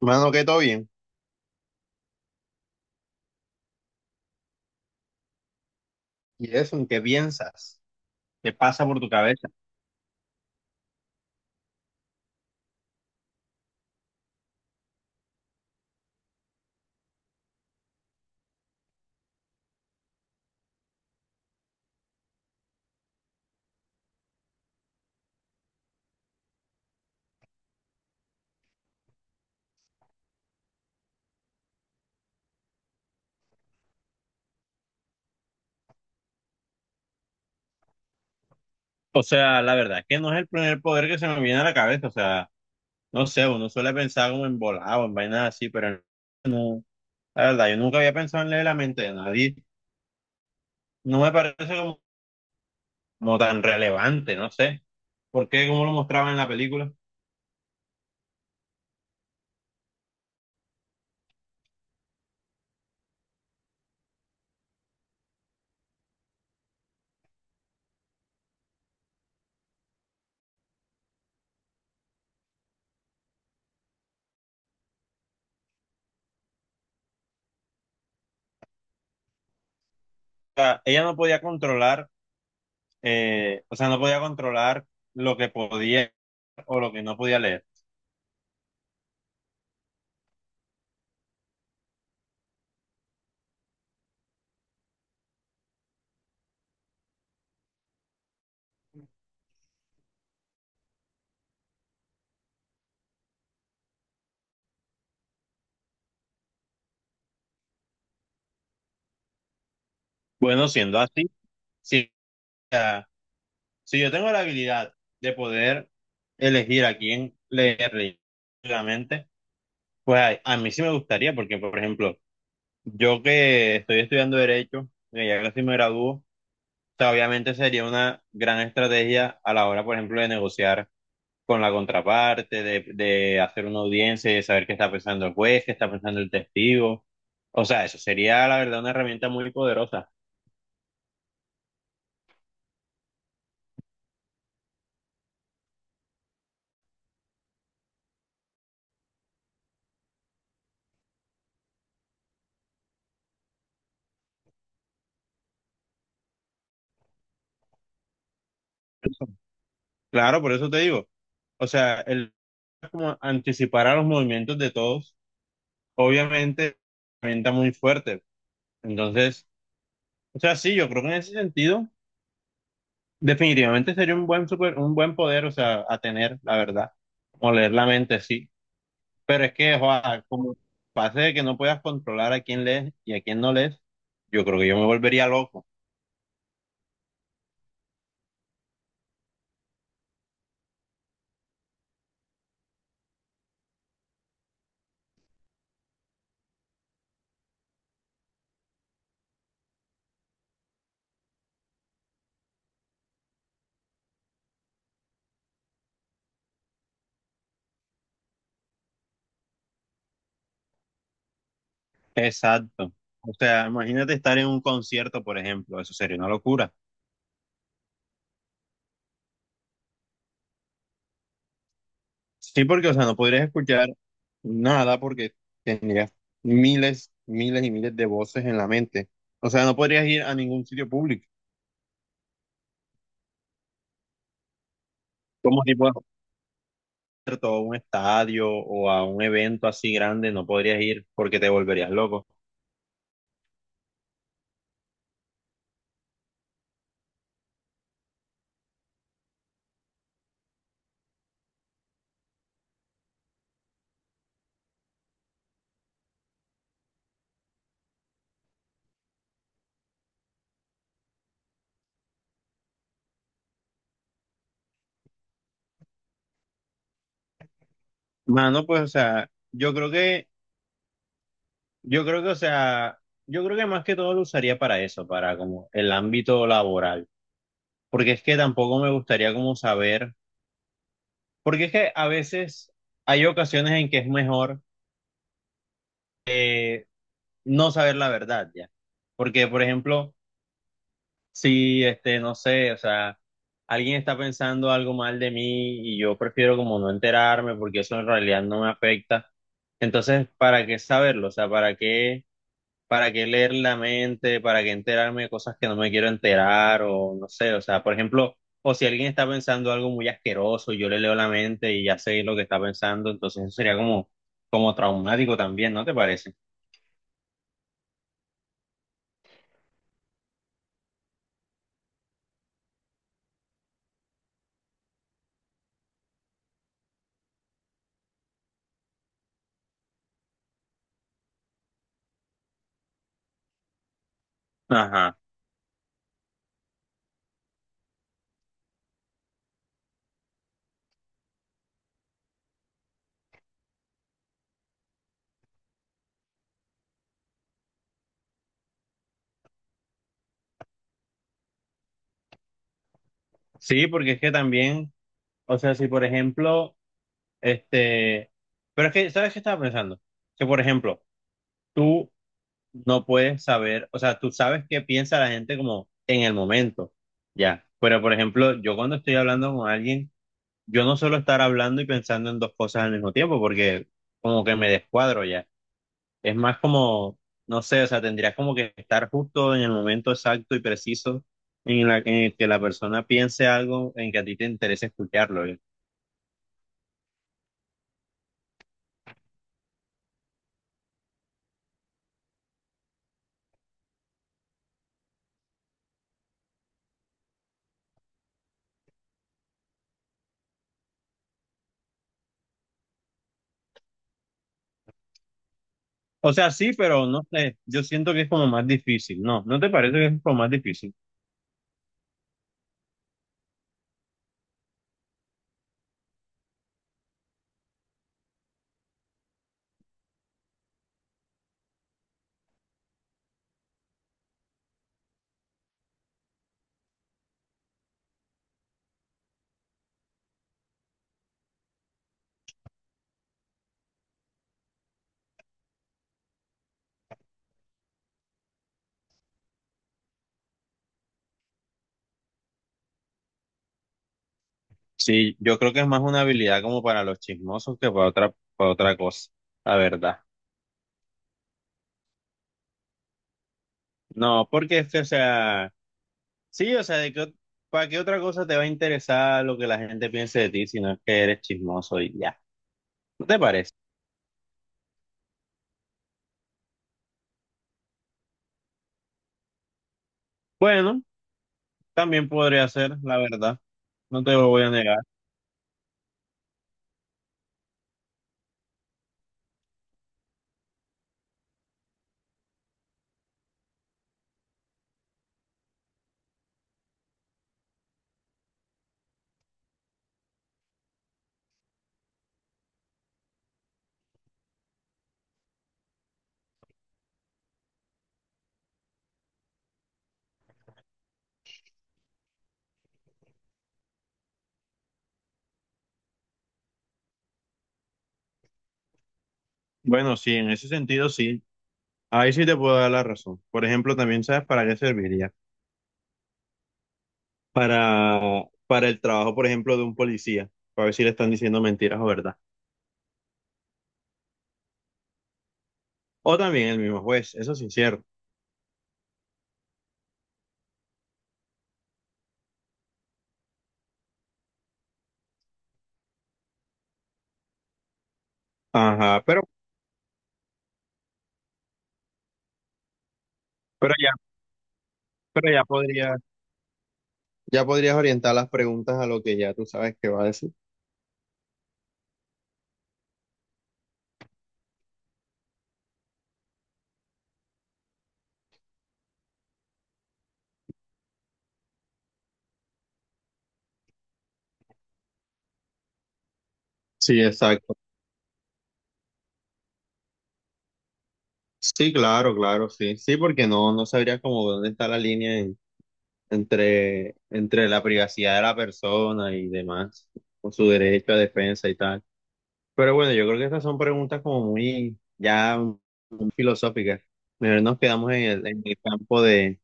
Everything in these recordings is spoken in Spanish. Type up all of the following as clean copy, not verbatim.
Mano, que todo bien. ¿Y eso? ¿En qué piensas? ¿Qué pasa por tu cabeza? O sea, la verdad es que no es el primer poder que se me viene a la cabeza. O sea, no sé, uno suele pensar como en volado, en vainas así, pero no. La verdad, yo nunca había pensado en leer la mente de nadie. No me parece como, como tan relevante, no sé. ¿Por qué? ¿Cómo lo mostraban en la película? O sea, ella no podía controlar, o sea, no podía controlar lo que podía o lo que no podía leer. Bueno, siendo así, sí. Si yo tengo la habilidad de poder elegir a quién leer realmente, pues a mí sí me gustaría, porque por ejemplo, yo que estoy estudiando Derecho, que ya casi me gradúo, o sea, obviamente sería una gran estrategia a la hora, por ejemplo, de negociar con la contraparte, de hacer una audiencia y de saber qué está pensando el juez, qué está pensando el testigo. O sea, eso sería, la verdad, una herramienta muy poderosa. Claro, por eso te digo. O sea, el como anticipar a los movimientos de todos obviamente, venta muy fuerte. Entonces, o sea, sí, yo creo que en ese sentido, definitivamente sería un buen super, un buen poder, o sea, a tener, la verdad, o leer la mente, sí. Pero es que, joa, como pase de que no puedas controlar a quién lees y a quién no lees, yo creo que yo me volvería loco. Exacto. O sea, imagínate estar en un concierto, por ejemplo, eso sería una locura. Sí, porque, o sea, no podrías escuchar nada porque tendrías miles, miles y miles de voces en la mente. O sea, no podrías ir a ningún sitio público, como tipo a un concierto, o a un estadio o a un evento así grande, no podrías ir porque te volverías loco. Mano, pues, o sea, yo creo que, o sea, yo creo que más que todo lo usaría para eso, para como el ámbito laboral. Porque es que tampoco me gustaría como saber, porque es que a veces hay ocasiones en que es mejor eh, no saber la verdad ya. Porque, por ejemplo, si, este, no sé, o sea, alguien está pensando algo mal de mí y yo prefiero como no enterarme porque eso en realidad no me afecta. Entonces, ¿para qué saberlo? O sea, para qué leer la mente? ¿Para qué enterarme de cosas que no me quiero enterar? O no sé, o sea, por ejemplo, o si alguien está pensando algo muy asqueroso, y yo le leo la mente y ya sé lo que está pensando, entonces eso sería como, como traumático también, ¿no te parece? Ajá. Sí, porque es que también. O sea, si por ejemplo, este, pero es que, ¿sabes qué estaba pensando? Que por ejemplo, tú no puedes saber, o sea, tú sabes qué piensa la gente como en el momento, ya. Pero por ejemplo, yo cuando estoy hablando con alguien, yo no suelo estar hablando y pensando en dos cosas al mismo tiempo, porque como que me descuadro ya. Es más como, no sé, o sea, tendrías como que estar justo en el momento exacto y preciso en la, en el que la persona piense algo en que a ti te interesa escucharlo. O sea, sí, pero no sé, yo siento que es como más difícil, ¿no? ¿No te parece que es como más difícil? Sí, yo creo que es más una habilidad como para los chismosos que para otra cosa, la verdad. No, porque es que, o sea, sí, o sea, de que, ¿para qué otra cosa te va a interesar lo que la gente piense de ti si no es que eres chismoso y ya? ¿No te parece? Bueno, también podría ser, la verdad, no te lo voy a negar. Bueno, sí, en ese sentido sí, ahí sí te puedo dar la razón. Por ejemplo, también sabes para qué serviría. Para el trabajo, por ejemplo, de un policía, para ver si le están diciendo mentiras o verdad. O también el mismo juez, eso sí es incierto. Ajá, pero, pero ya, pero ya podría, ya podrías orientar las preguntas a lo que ya tú sabes que va a decir. Sí, exacto. Sí, claro, claro, sí. Sí, porque no, no sabrías cómo dónde está la línea en- entre, entre la privacidad de la persona y demás, con su derecho a defensa y tal. Pero bueno, yo creo que estas son preguntas como muy ya muy filosóficas. Mejor nos quedamos en el campo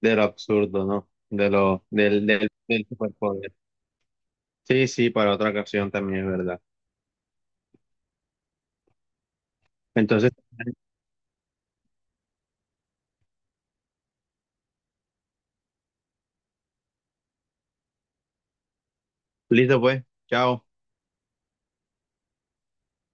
de lo absurdo, ¿no? De lo, del superpoder. Sí, sí, para otra ocasión también es verdad. Entonces, listo pues, chao.